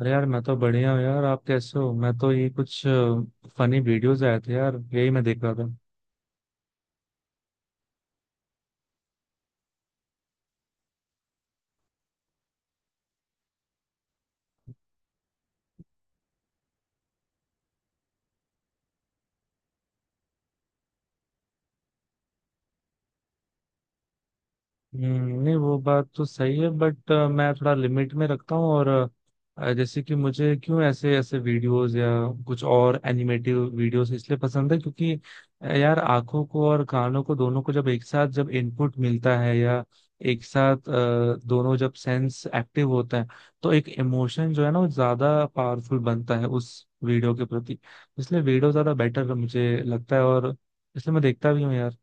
अरे यार, मैं तो बढ़िया हूँ यार। आप कैसे हो? मैं तो ये कुछ फनी वीडियोस आए थे यार, यही मैं देख रहा था। हम्म। नहीं, वो बात तो सही है बट मैं थोड़ा लिमिट में रखता हूँ। और जैसे कि मुझे क्यों ऐसे ऐसे वीडियोस या कुछ और एनिमेटिव वीडियोस इसलिए पसंद है क्योंकि यार, आंखों को और कानों को दोनों को जब एक साथ जब इनपुट मिलता है, या एक साथ दोनों जब सेंस एक्टिव होते हैं, तो एक इमोशन जो है ना, वो ज्यादा पावरफुल बनता है उस वीडियो के प्रति। इसलिए वीडियो ज्यादा बेटर मुझे लगता है, और इसलिए मैं देखता भी हूँ यार।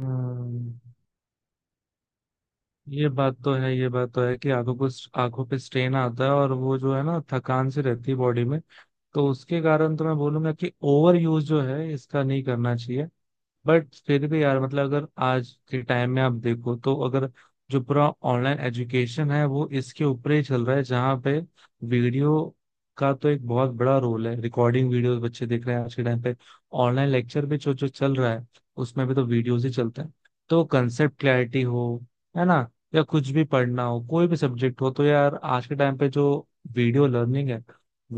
हम्म। ये बात तो है, ये बात तो है कि आंखों को, आंखों पे स्ट्रेन आता है, और वो जो है ना, थकान सी रहती है बॉडी में। तो उसके कारण तो मैं बोलूंगा कि ओवर यूज जो है इसका नहीं करना चाहिए। बट फिर भी यार मतलब अगर आज के टाइम में आप देखो तो अगर जो पूरा ऑनलाइन एजुकेशन है वो इसके ऊपर ही चल रहा है, जहाँ पे वीडियो का तो एक बहुत बड़ा रोल है। रिकॉर्डिंग वीडियोस बच्चे देख रहे हैं आज के टाइम पे। ऑनलाइन लेक्चर भी जो जो चल रहा है, उसमें भी तो वीडियोस ही चलते हैं। तो कंसेप्ट क्लैरिटी हो, है ना, या कुछ भी पढ़ना हो, कोई भी सब्जेक्ट हो, तो यार आज के टाइम पे जो वीडियो लर्निंग है,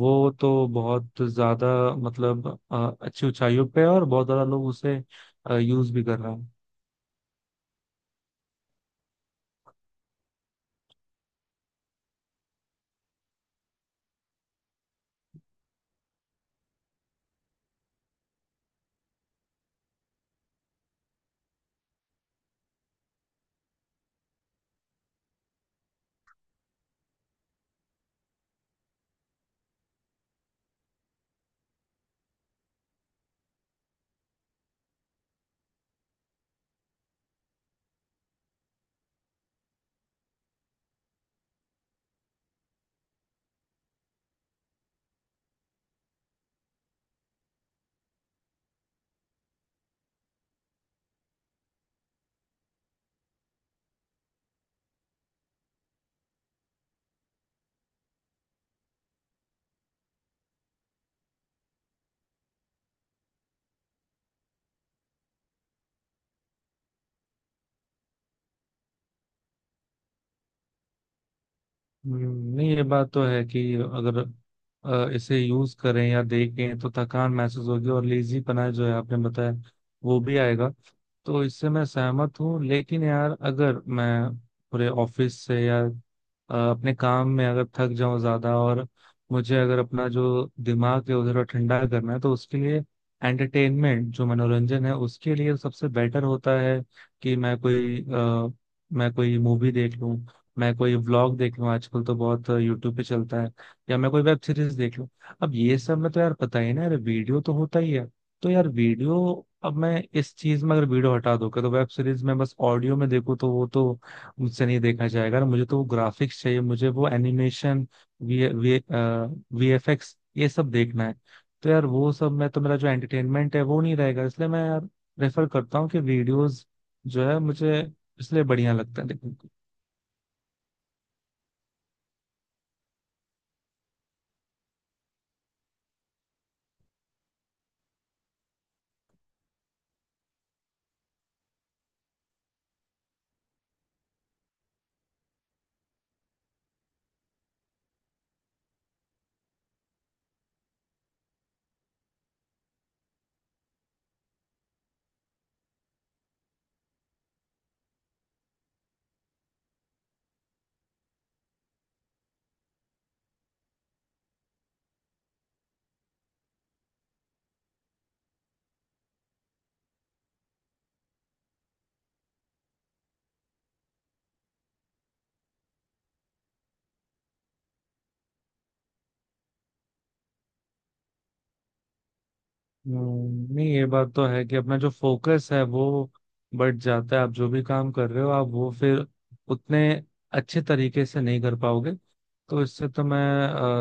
वो तो बहुत ज्यादा, मतलब अच्छी ऊंचाइयों पे है, और बहुत ज्यादा लोग उसे यूज भी कर रहा हूँ। हम्म। नहीं, ये बात तो है कि अगर इसे यूज करें या देखें तो थकान महसूस होगी, और लेजी पना जो है, आपने बताया, वो भी आएगा। तो इससे मैं सहमत हूँ। लेकिन यार, अगर मैं पूरे ऑफिस से या अपने काम में अगर थक जाऊं ज्यादा, और मुझे अगर अपना जो दिमाग है उधर ठंडा करना है, तो उसके लिए एंटरटेनमेंट, जो मनोरंजन है, उसके लिए सबसे बेटर होता है कि मैं कोई मैं कोई मूवी देख लूं, मैं कोई व्लॉग देख लूं, आजकल तो बहुत यूट्यूब पे चलता है, या मैं कोई वेब सीरीज देख लूं। अब ये सब में तो यार पता ही ना यार, वीडियो तो होता ही है। तो यार वीडियो, अब मैं इस चीज में अगर वीडियो हटा दूं, कि तो वेब सीरीज में बस ऑडियो में देखूं, तो वो तो मुझसे नहीं देखा जाएगा ना। मुझे तो वो ग्राफिक्स चाहिए, मुझे वो एनिमेशन, वी वी वीएफएक्स ये सब देखना है। तो यार वो सब में तो मेरा जो एंटरटेनमेंट है वो नहीं रहेगा। इसलिए मैं यार रेफर करता हूँ कि वीडियोज जो है मुझे इसलिए बढ़िया लगता है। हम्म। नहीं, ये बात तो है कि अपना जो फोकस है वो बढ़ जाता है, आप जो भी काम कर रहे हो आप वो फिर उतने अच्छे तरीके से नहीं कर पाओगे। तो इससे तो मैं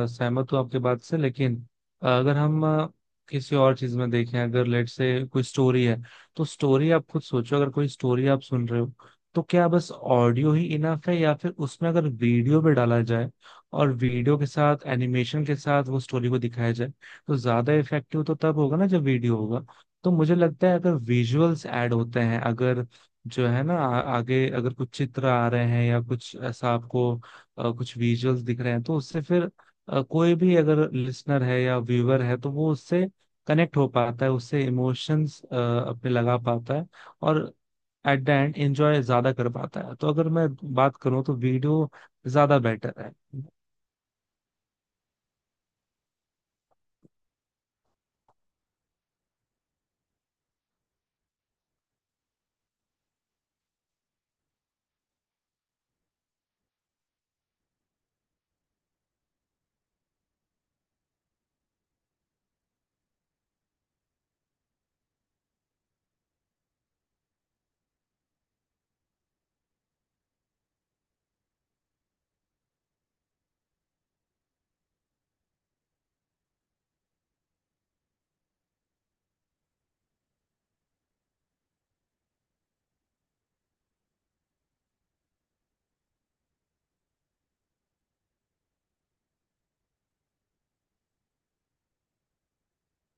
सहमत हूँ आपके बात से। लेकिन अगर हम किसी और चीज में देखें, अगर लेट से कोई स्टोरी है, तो स्टोरी आप खुद सोचो, अगर कोई स्टोरी आप सुन रहे हो, तो क्या बस ऑडियो ही इनफ है, या फिर उसमें अगर वीडियो भी डाला जाए, और वीडियो के साथ एनिमेशन के साथ वो स्टोरी को दिखाया जाए, तो ज्यादा इफेक्टिव तो तब होगा ना जब वीडियो होगा। तो मुझे लगता है अगर विजुअल्स ऐड होते हैं, अगर जो है ना आगे अगर कुछ चित्र आ रहे हैं या कुछ ऐसा आपको कुछ विजुअल्स दिख रहे हैं, तो उससे फिर कोई भी अगर लिसनर है या व्यूअर है, तो वो उससे कनेक्ट हो पाता है, उससे इमोशंस अपने लगा पाता है, और एट द एंड एंजॉय ज्यादा कर पाता है। तो अगर मैं बात करूं तो वीडियो ज्यादा बेटर है।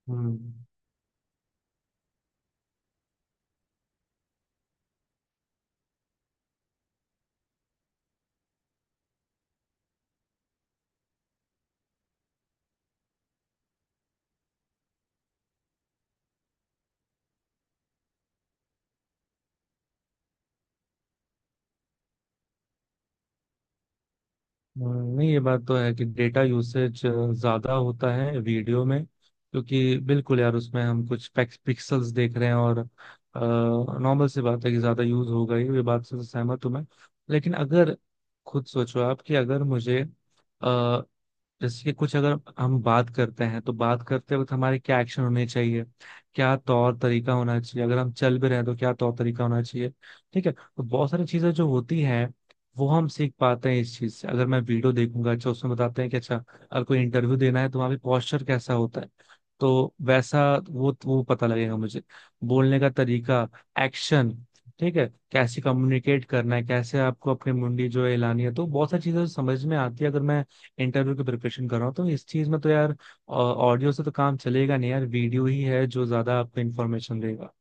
हम्म। हम्म। नहीं, ये बात तो है कि डेटा यूसेज ज्यादा होता है वीडियो में, क्योंकि बिल्कुल यार उसमें हम कुछ पिक्सल्स देख रहे हैं, और नॉर्मल सी बात है कि ज्यादा यूज होगा ही। ये बात से तो सहमत हूं मैं। लेकिन अगर खुद सोचो आप, कि अगर मुझे जैसे कि कुछ अगर हम बात करते हैं, तो बात करते वक्त हमारे क्या एक्शन होने चाहिए, क्या तौर तरीका होना चाहिए, अगर हम चल भी रहे हैं तो क्या तौर तरीका होना चाहिए। ठीक है, तो बहुत सारी चीजें जो होती हैं, वो हम सीख पाते हैं इस चीज से। अगर मैं वीडियो देखूंगा, अच्छा, उसमें बताते हैं कि अच्छा, अगर कोई इंटरव्यू देना है तो वहाँ पे पॉस्चर कैसा होता है, तो वैसा वो पता लगेगा मुझे। बोलने का तरीका, एक्शन, ठीक है, कैसे कम्युनिकेट करना है, कैसे आपको अपनी मुंडी जो है हिलानी है, तो बहुत सारी चीजें समझ में आती है। अगर मैं इंटरव्यू की प्रिपरेशन कर रहा हूँ, तो इस चीज में तो यार ऑडियो से तो काम चलेगा नहीं यार, वीडियो ही है जो ज्यादा आपको इन्फॉर्मेशन देगा।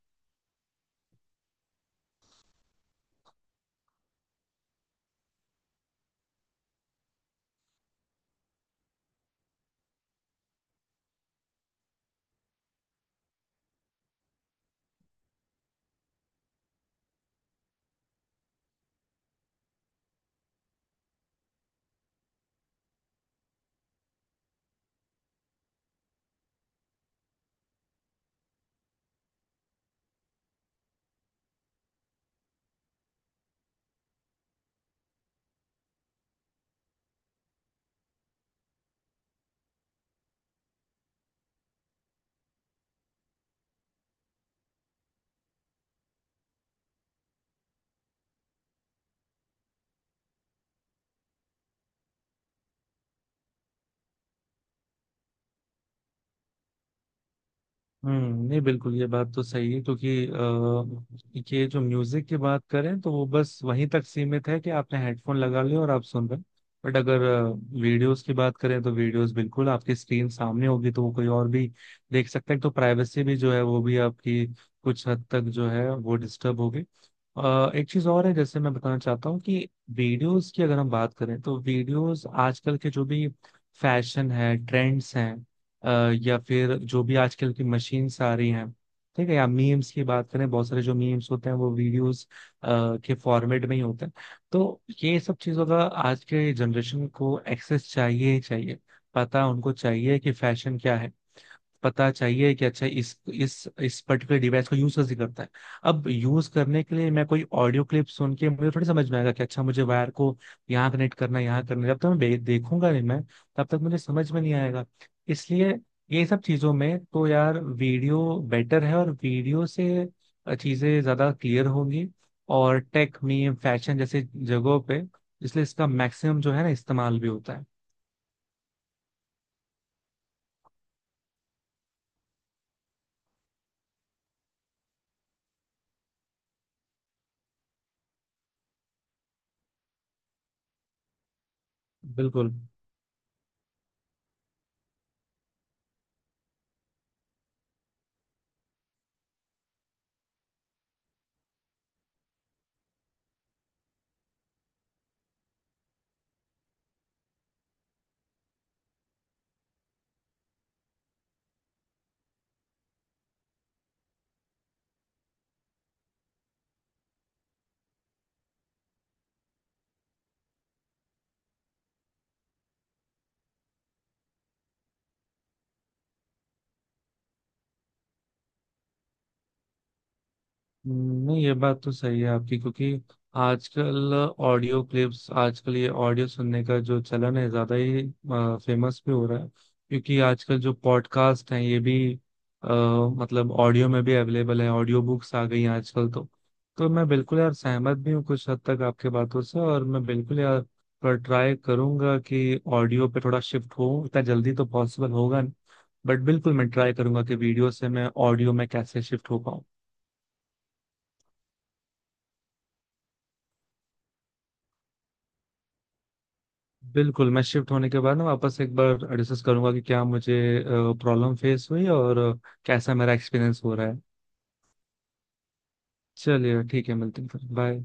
हम्म। नहीं, बिल्कुल, ये बात तो सही है क्योंकि ये जो म्यूजिक की बात करें तो वो बस वहीं तक सीमित है कि आपने हेडफोन लगा लिया और आप सुन रहे हैं। बट अगर वीडियोस की बात करें, तो वीडियोस बिल्कुल आपकी स्क्रीन सामने होगी, तो वो कोई और भी देख सकता है। तो प्राइवेसी भी जो है वो भी आपकी कुछ हद तक जो है वो डिस्टर्ब होगी। एक चीज और है जैसे मैं बताना चाहता हूँ, कि वीडियोस की अगर हम बात करें, तो वीडियोस, आजकल के जो भी फैशन है, ट्रेंड्स हैं, या फिर जो भी आजकल की मशीन्स आ रही हैं, ठीक है, या मीम्स की बात करें, बहुत सारे जो मीम्स होते हैं वो वीडियोस के फॉर्मेट में ही होते हैं। तो ये सब चीजों का आज के जनरेशन को एक्सेस चाहिए ही चाहिए। पता उनको चाहिए कि फैशन क्या है, पता चाहिए कि अच्छा इस पर्टिकुलर डिवाइस को यूज कैसे करता है। अब यूज करने के लिए मैं कोई ऑडियो क्लिप सुन के मुझे थोड़ी समझ में आएगा कि अच्छा मुझे वायर को यहाँ कनेक्ट करना है, यहाँ करना है। जब तक मैं देखूंगा नहीं मैं, तब तक मुझे समझ में नहीं आएगा। इसलिए ये सब चीजों में तो यार वीडियो बेटर है, और वीडियो से चीजें ज्यादा क्लियर होंगी। और टेक, मीम, फैशन जैसे जगहों पे इसलिए इसका मैक्सिमम जो है ना इस्तेमाल भी होता है। बिल्कुल। हम्म। नहीं, ये बात तो सही है आपकी, क्योंकि आजकल ऑडियो क्लिप्स, आजकल ये ऑडियो सुनने का जो चलन है ज्यादा ही फेमस भी हो रहा है, क्योंकि आजकल जो पॉडकास्ट हैं ये भी आ, मतलब ऑडियो में भी अवेलेबल है, ऑडियो बुक्स आ गई हैं आजकल तो। तो मैं बिल्कुल यार सहमत भी हूँ कुछ हद तक आपके बातों से, और मैं बिल्कुल यार पर ट्राई करूंगा कि ऑडियो पे थोड़ा शिफ्ट हो। इतना जल्दी तो पॉसिबल होगा नहीं, बट बिल्कुल मैं ट्राई करूंगा कि वीडियो से मैं ऑडियो में कैसे शिफ्ट हो पाऊँ। बिल्कुल, मैं शिफ्ट होने के बाद ना वापस एक बार डिस्कस करूंगा कि क्या मुझे प्रॉब्लम फेस हुई, और कैसा मेरा एक्सपीरियंस हो रहा है। चलिए, ठीक है, मिलते हैं फिर। बाय।